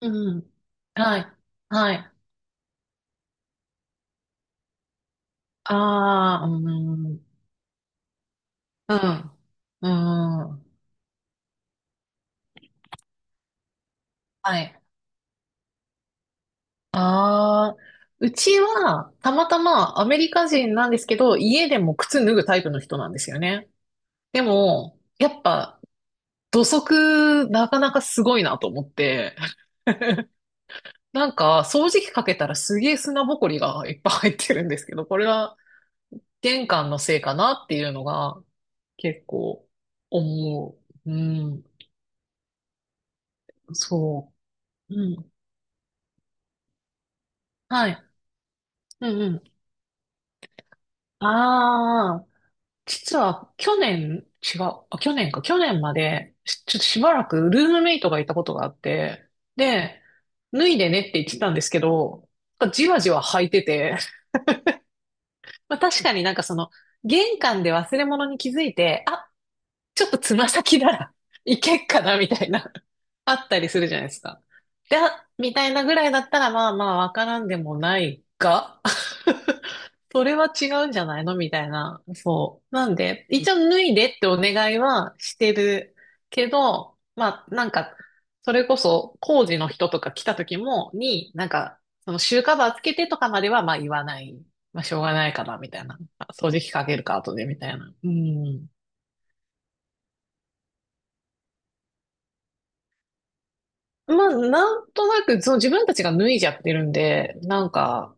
うん。はい。はい。ああ、うん。うん。うん。はい。ああ、うちは、たまたまアメリカ人なんですけど、家でも靴脱ぐタイプの人なんですよね。でも、やっぱ、土足、なかなかすごいなと思って、掃除機かけたらすげえ砂ぼこりがいっぱい入ってるんですけど、これは、玄関のせいかなっていうのが、結構、思う。うん。そう。うん。はい。うんうん。ああ、実は去年、違う。あ、去年か。去年まで、ちょっとしばらくルームメイトがいたことがあって、で、脱いでねって言ってたんですけど、なんかじわじわ履いてて、まあ確かになんかその、玄関で忘れ物に気づいて、あ、ちょっとつま先ならいけっかな、みたいな。あったりするじゃないですか。で、あみたいなぐらいだったら、まあまあ、わからんでもないが、それは違うんじゃないのみたいな。そう。なんで、一応脱いでってお願いはしてるけど、まあ、それこそ工事の人とか来た時も、に、なんか、そのシューカバーつけてとかまでは、まあ言わない。まあしょうがないから、みたいな。あ掃除機かけるか、後で、みたいな。うん。まあ、なんとなく、その自分たちが脱いじゃってるんで、なんか、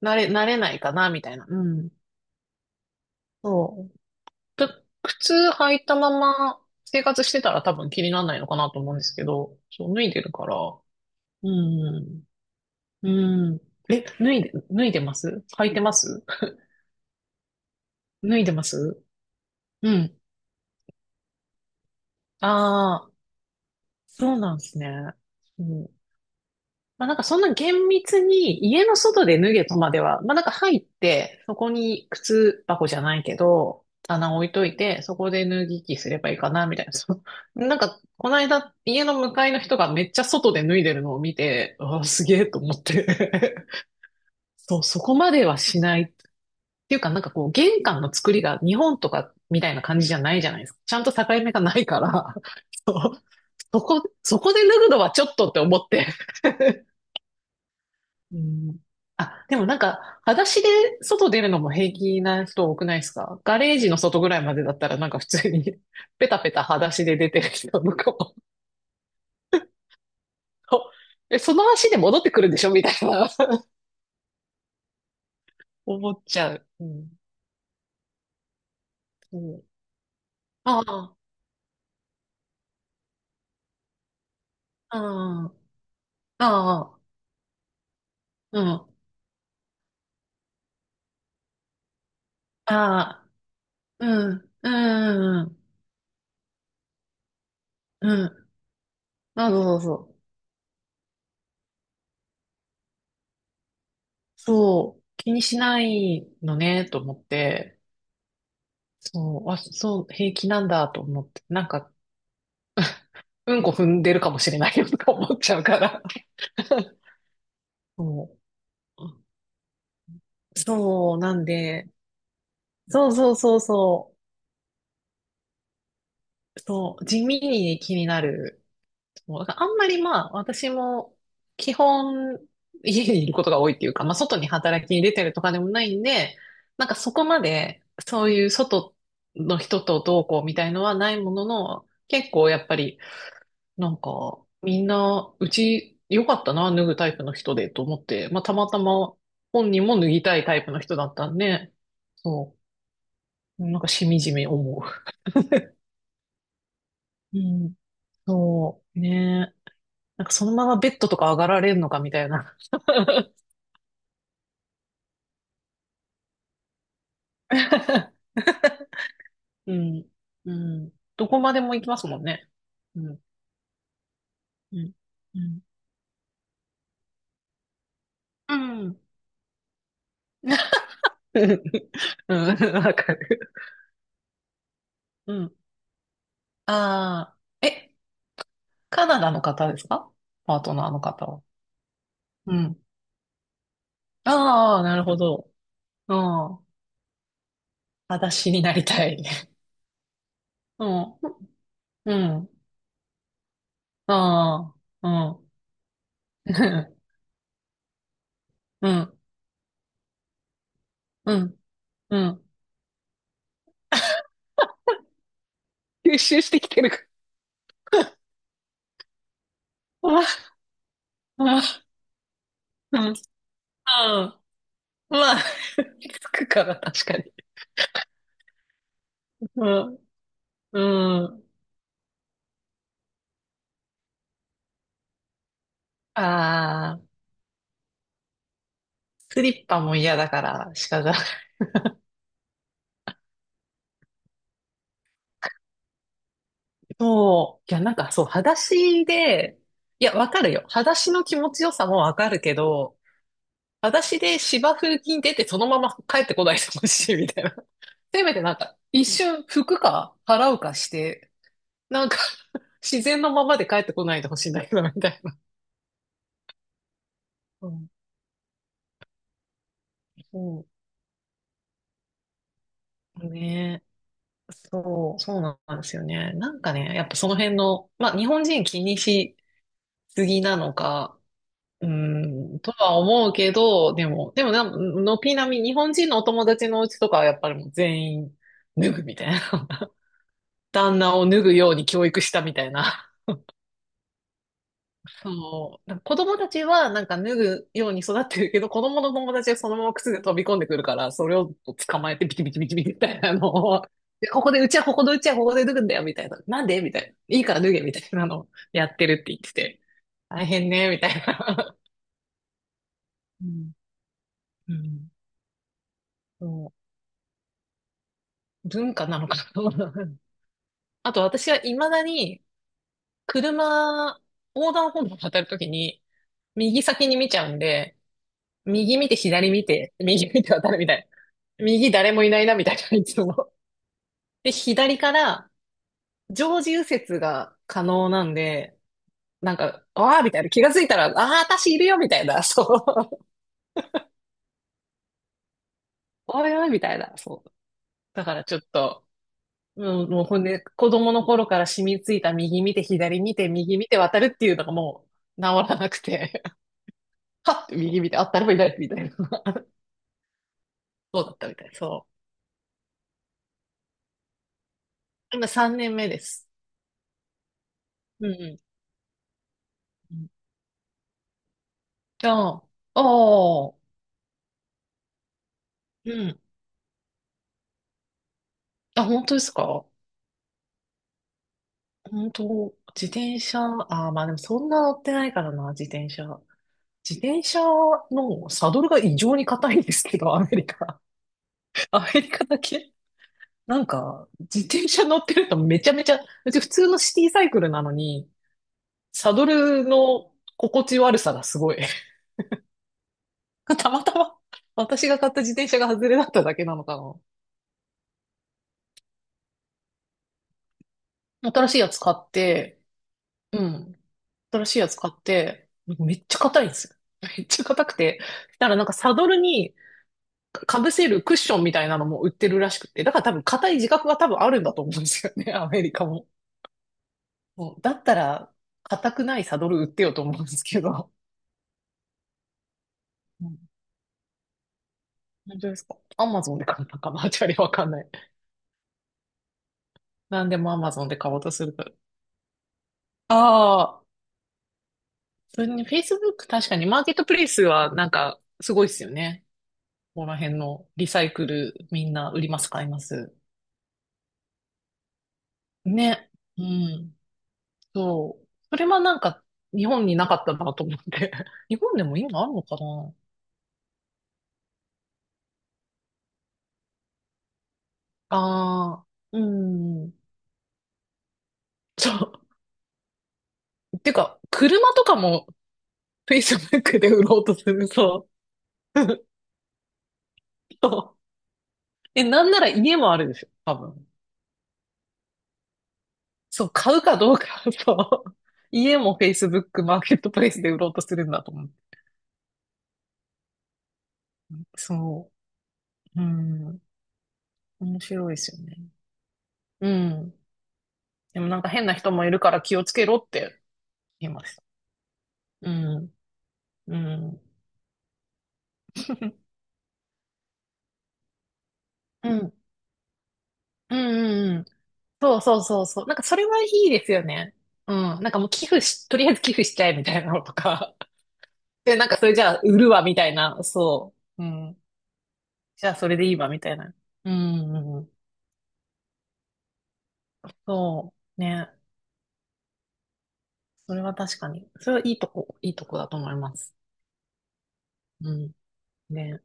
慣れないかな、みたいな。うん。そう。ちょ靴履いたまま生活してたら多分気にならないのかなと思うんですけど、そう、脱いでるから。うん。うん。え、脱いでます？履いてます？脱いでます。うん。ああ、そうなんですね。うん。まあなんかそんな厳密に家の外で脱げとまでは、まあなんか入って、そこに靴箱じゃないけど、棚置いといて、そこで脱ぎ着すればいいかな、みたいな。そう、なんか、この間、家の向かいの人がめっちゃ外で脱いでるのを見て、ああ、すげえと思って。そう、そこまではしない。っていうか、なんかこう、玄関の作りが日本とかみたいな感じじゃないじゃないですか。ちゃんと境目がないから、そう、そこで脱ぐのはちょっとって思って。うん。あ、でもなんか、裸足で外出るのも平気な人多くないですか？ガレージの外ぐらいまでだったらなんか普通に ペタペタ裸足で出てる人とかも、え、その足で戻ってくるんでしょみたいな 思っちゃう。うん。うん。ああ、ああ、ああ、うん。ああ、うん、うん、うん。うん。あ、そうそうそう。そう、気にしないのね、と思って。そう、あ、そう、平気なんだと思って。なんか、うんこ踏んでるかもしれないよとか思っちゃうから。そう。そう、なんで、そうそうそうそう、そう、地味に気になる。そうだからあんまり、まあ、私も基本家にいることが多いっていうか、まあ外に働きに出てるとかでもないんで、なんかそこまでそういう外の人とどうこうみたいのはないものの、結構やっぱりなんか、みんな、うち良かったな、脱ぐタイプの人でと思って、まあ、たまたま本人も脱ぎたいタイプの人だったんで、そう、なんかしみじみ思う。うん、そう、ねえ。なんかそのままベッドとか上がられんのかみたいな。うん、うん。どこまでも行きますもんね。うん、うん、うん。うん。うん、わかる。うん。ああ、え、カナダの方ですか？パートナーの方は。うん。ああ、なるほど。うん。裸足になりたい。うん。うん。ああ、うん。うん。うん。うん。吸収してきてるか。ああ、うん。うん。まあ、つくから、確かに。うん。うん。ああ、スリッパも嫌だから、鹿が。そう。いや、なんかそう、裸足で、いや、わかるよ。裸足の気持ちよさもわかるけど、裸足で芝生に出てそのまま帰ってこないでほしいみたいな。せめてなんか、一瞬服か払うかして、なんか 自然のままで帰ってこないでほしいんだけど、みたいな。うん、そうね。そう、そうなんですよね。なんかね、やっぱその辺の、まあ日本人気にしすぎなのか、うん、とは思うけど、でもな、軒並み日本人のお友達のうちとかはやっぱりもう全員脱ぐみたいな。旦那を脱ぐように教育したみたいな。そう。なんか子供たちはなんか脱ぐように育ってるけど、子供の友達はそのまま靴で飛び込んでくるから、それを捕まえてビチビチビチビチみたいなのを で、ここで、うちはここで脱ぐんだよ、みたいな。なんでみたいな。いいから脱げ、みたいなのをやってるって言ってて。大変ね、みたいな。うん。うん。そう。文化なのかな。あと私は未だに車、横断歩道を渡るときに、右先に見ちゃうんで、右見て左見て、右見て渡るみたいな。右誰もいないなみたいな、いつも。で、左から常時右折が可能なんで、なんか、ああ、みたいな。気がついたら、ああ、私いるよ、みたいな。そう。おいおい、みたいな。そう。だからちょっと、もうほんで、子供の頃から染みついた右見て左見て、右見て渡るっていうのがもう治らなくて、はっって右見て、あ、誰もいない、みたいな。そうだったみたい。そう。今3年目です。うんうん。うん。ああ、ああ。うん。あ、本当ですか？本当、自転車、あー、まあでもそんな乗ってないからな、自転車。自転車のサドルが異常に硬いんですけど、アメリカ。アメリカだけ。なんか、自転車乗ってるとめちゃめちゃ、うち普通のシティサイクルなのに、サドルの心地悪さがすごい。たまたま、私が買った自転車が外れだっただけなのかな。新しいやつ買って、うん。新しいやつ買って、めっちゃ硬いんですよ。めっちゃ硬くて。だからなんかサドルにかぶせるクッションみたいなのも売ってるらしくて。だから多分硬い自覚が多分あるんだと思うんですよね。アメリカも。もうだったら、硬くないサドル売ってよと思うんですけど。うん。本当ですか？アマゾンで買ったかな？チャリわかんない。なんでもアマゾンで買おうとすると。ああ、それに Facebook、 確かにマーケットプレイスはなんかすごいですよね。ここら辺のリサイクルみんな売ります、買います。ね。うん。そう。それはなんか、日本になかったなと思って。日本でも今あるのかな？ああー、うん。そう。てか、車とかも Facebook で売ろうとする。そう。そう。え、なんなら家もあるでしょ、多分。そう、買うかどうか、そう。家も Facebook マーケットプレイスで売ろうとするんだと思う。そう。うん。面白いですよね。うん。でもなんか変な人もいるから気をつけろって言います。うん。うん。うん。うんうんうん。そうそうそうそう。なんかそれはいいですよね。うん。なんかもう寄付し、とりあえず寄付しちゃえみたいなのとか。で、なんかそれじゃあ売るわみたいな。そう。うん。じゃあそれでいいわみたいな。うんうんうん。そう。ね。それは確かに。それはいいとこ、いいとこだと思います。うん。ね。